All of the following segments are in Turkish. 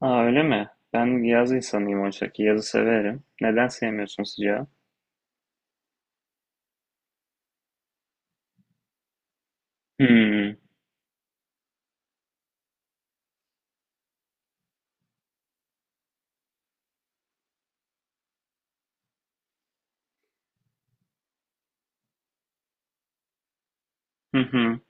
Aa, öyle mi? Ben yaz insanıyım oysa ki yazı severim. Neden sevmiyorsun sıcağı? Hmm. Hı hı.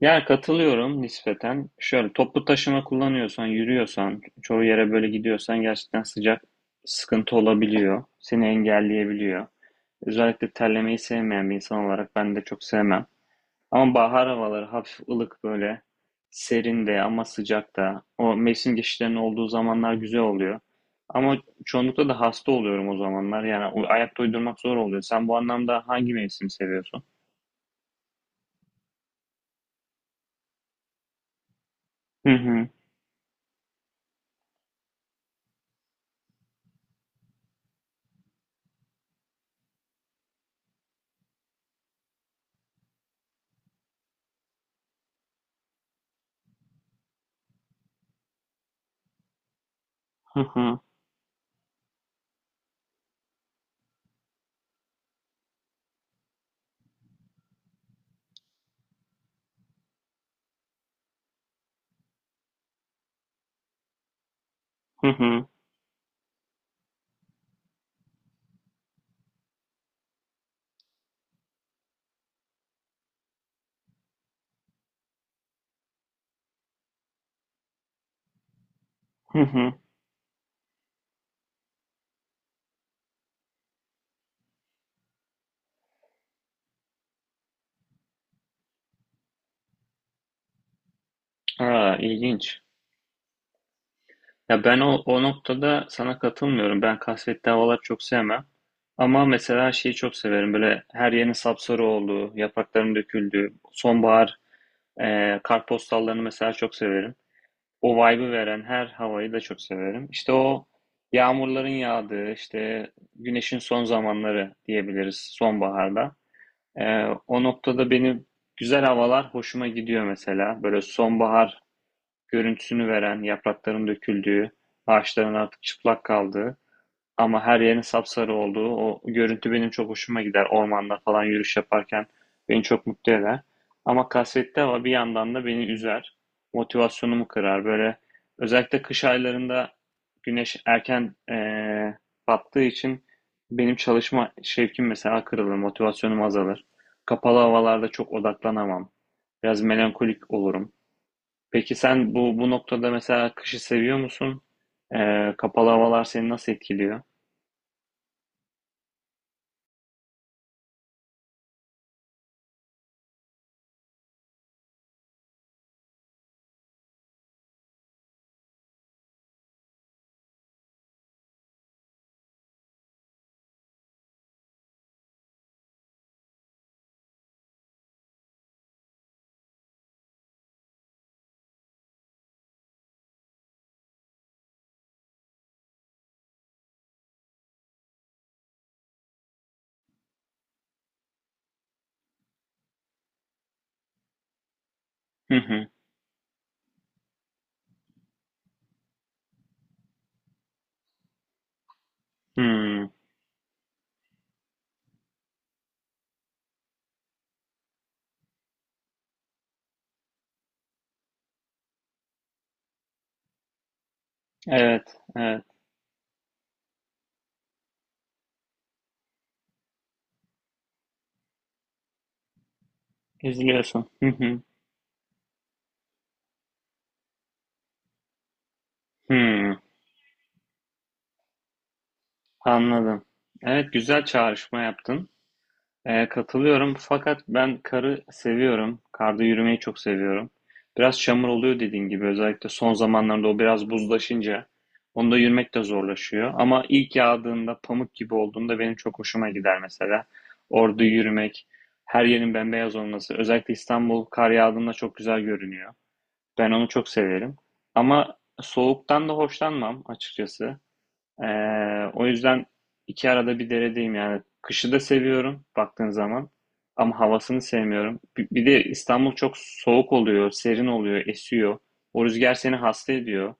Yani katılıyorum nispeten. Şöyle toplu taşıma kullanıyorsan, yürüyorsan, çoğu yere böyle gidiyorsan gerçekten sıcak sıkıntı olabiliyor. Seni engelleyebiliyor. Özellikle terlemeyi sevmeyen bir insan olarak ben de çok sevmem. Ama bahar havaları hafif ılık böyle. Serin de ama sıcak da. O mevsim geçişlerinin olduğu zamanlar güzel oluyor. Ama çoğunlukla da hasta oluyorum o zamanlar. Yani ayakta uydurmak zor oluyor. Sen bu anlamda hangi mevsimi seviyorsun? Hı hı. Hı hı. Hı hı. Hı hı. Aa, ilginç. Ya ben o noktada sana katılmıyorum. Ben kasvetli havaları çok sevmem. Ama mesela şeyi çok severim. Böyle her yerin sapsarı olduğu, yaprakların döküldüğü, sonbahar kartpostallarını mesela çok severim. O vibe'ı veren her havayı da çok severim. İşte o yağmurların yağdığı, işte güneşin son zamanları diyebiliriz sonbaharda. O noktada benim güzel havalar hoşuma gidiyor mesela. Böyle sonbahar görüntüsünü veren, yaprakların döküldüğü, ağaçların artık çıplak kaldığı. Ama her yerin sapsarı olduğu o görüntü benim çok hoşuma gider. Ormanda falan yürüyüş yaparken beni çok mutlu eder. Ama kasvetli hava bir yandan da beni üzer. Motivasyonumu kırar. Böyle özellikle kış aylarında güneş erken battığı için benim çalışma şevkim mesela kırılır. Motivasyonum azalır. Kapalı havalarda çok odaklanamam. Biraz melankolik olurum. Peki sen bu noktada mesela kışı seviyor musun? Kapalı havalar seni nasıl etkiliyor? Hı hı. Hmm. Evet, evet. Üzülüyorsun. Hı hı. Hımm. Anladım. Evet, güzel çağrışma yaptın. Katılıyorum fakat ben karı seviyorum. Karda yürümeyi çok seviyorum. Biraz çamur oluyor dediğin gibi. Özellikle son zamanlarda o biraz buzlaşınca onda yürümek de zorlaşıyor. Ama ilk yağdığında, pamuk gibi olduğunda benim çok hoşuma gider mesela. Orada yürümek, her yerin bembeyaz olması. Özellikle İstanbul kar yağdığında çok güzel görünüyor. Ben onu çok severim. Ama soğuktan da hoşlanmam açıkçası. Ee, O yüzden iki arada bir deredeyim yani. Kışı da seviyorum baktığın zaman. Ama havasını sevmiyorum. Bir de İstanbul çok soğuk oluyor, serin oluyor, esiyor. O rüzgar seni hasta ediyor.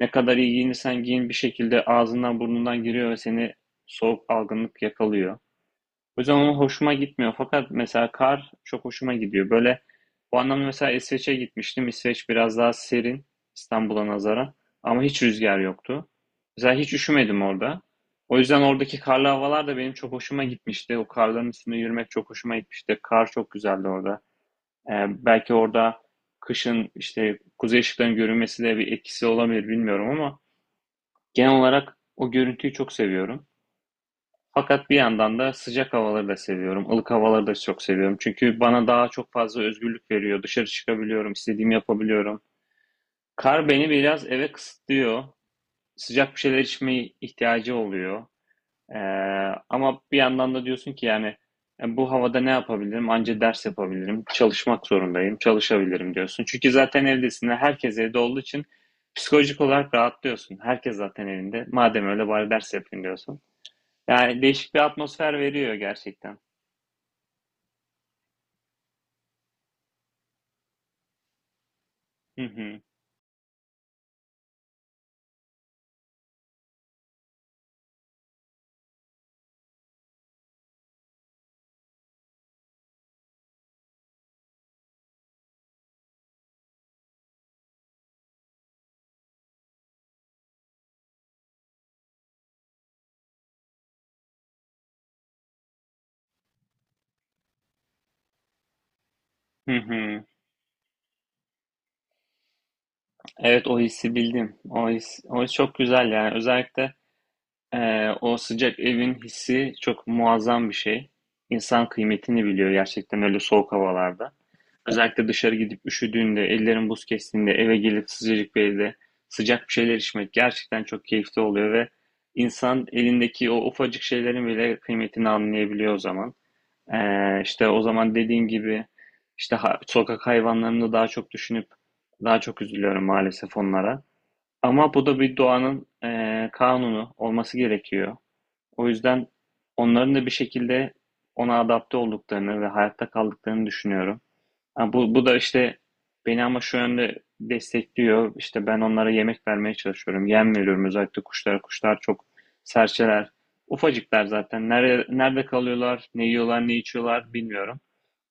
Ne kadar iyi giyinirsen giyin bir şekilde ağzından burnundan giriyor ve seni soğuk algınlık yakalıyor. O yüzden o hoşuma gitmiyor. Fakat mesela kar çok hoşuma gidiyor. Böyle bu anlamda mesela İsveç'e gitmiştim. İsveç biraz daha serin İstanbul'a nazaran. Ama hiç rüzgar yoktu. Mesela hiç üşümedim orada. O yüzden oradaki karlı havalar da benim çok hoşuma gitmişti. O karların üstünde yürümek çok hoşuma gitmişti. Kar çok güzeldi orada. Ee, Belki orada kışın işte kuzey ışıklarının görünmesi de bir etkisi olabilir bilmiyorum ama genel olarak o görüntüyü çok seviyorum. Fakat bir yandan da sıcak havaları da seviyorum. Ilık havaları da çok seviyorum. Çünkü bana daha çok fazla özgürlük veriyor. Dışarı çıkabiliyorum, istediğimi yapabiliyorum. Kar beni biraz eve kısıtlıyor. Sıcak bir şeyler içmeye ihtiyacı oluyor. Ee, Ama bir yandan da diyorsun ki yani bu havada ne yapabilirim? Anca ders yapabilirim. Çalışmak zorundayım. Çalışabilirim diyorsun. Çünkü zaten evdesin. Ve herkes evde olduğu için psikolojik olarak rahatlıyorsun. Herkes zaten evinde. Madem öyle bari ders yapayım diyorsun. Yani değişik bir atmosfer veriyor gerçekten. Hı hı. Hı hı. Evet, o hissi bildim. O his çok güzel yani. Özellikle o sıcak evin hissi çok muazzam bir şey. İnsan kıymetini biliyor gerçekten öyle soğuk havalarda. Özellikle dışarı gidip üşüdüğünde, ellerin buz kestiğinde, eve gelip sıcacık bir evde sıcak bir şeyler içmek gerçekten çok keyifli oluyor ve insan elindeki o ufacık şeylerin bile kıymetini anlayabiliyor o zaman. İşte o zaman dediğin gibi işte sokak hayvanlarını daha çok düşünüp daha çok üzülüyorum maalesef onlara. Ama bu da bir doğanın kanunu olması gerekiyor. O yüzden onların da bir şekilde ona adapte olduklarını ve hayatta kaldıklarını düşünüyorum. Ha, bu da işte beni ama şu yönde destekliyor. İşte ben onlara yemek vermeye çalışıyorum. Yem veriyorum özellikle kuşlara. Kuşlar çok serçeler. Ufacıklar zaten. Nerede kalıyorlar, ne yiyorlar, ne içiyorlar bilmiyorum.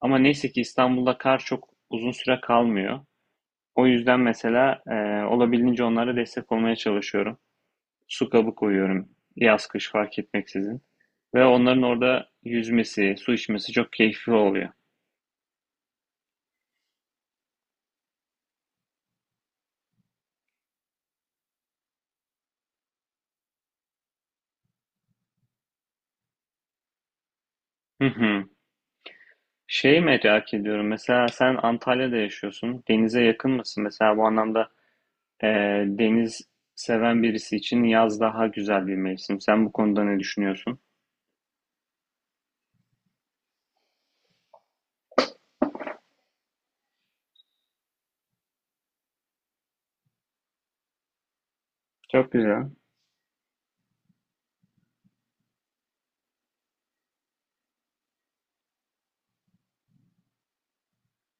Ama neyse ki İstanbul'da kar çok uzun süre kalmıyor. O yüzden mesela olabildiğince onlara destek olmaya çalışıyorum. Su kabı koyuyorum. Yaz kış fark etmeksizin. Ve onların orada yüzmesi, su içmesi çok keyifli oluyor. Hı hı. Şeyi merak ediyorum. Mesela sen Antalya'da yaşıyorsun. Denize yakın mısın? Mesela bu anlamda e, deniz seven birisi için yaz daha güzel bir mevsim. Sen bu konuda ne düşünüyorsun? Çok güzel.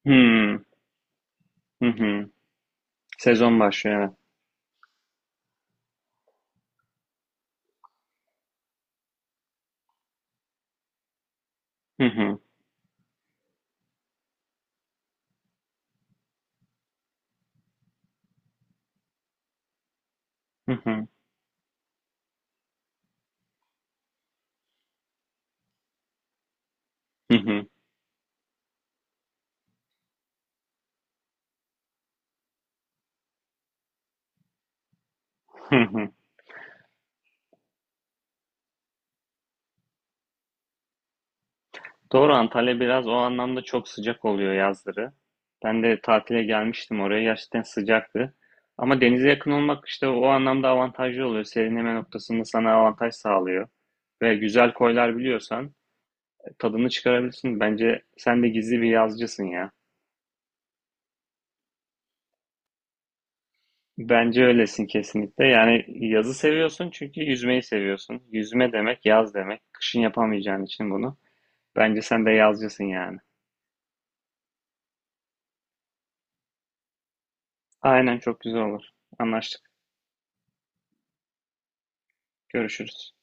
Hmm. Hı hı. Sezon başlıyor. Evet. Hı hı. Hı hı. Hı hı. Hı hı. Doğru, Antalya biraz o anlamda çok sıcak oluyor yazları. Ben de tatile gelmiştim oraya, gerçekten sıcaktı. Ama denize yakın olmak işte o anlamda avantajlı oluyor. Serinleme noktasında sana avantaj sağlıyor. Ve güzel koylar biliyorsan tadını çıkarabilirsin. Bence sen de gizli bir yazcısın ya. Bence öylesin kesinlikle. Yani yazı seviyorsun çünkü yüzmeyi seviyorsun. Yüzme demek yaz demek. Kışın yapamayacağın için bunu. Bence sen de yazcısın yani. Aynen, çok güzel olur. Anlaştık. Görüşürüz.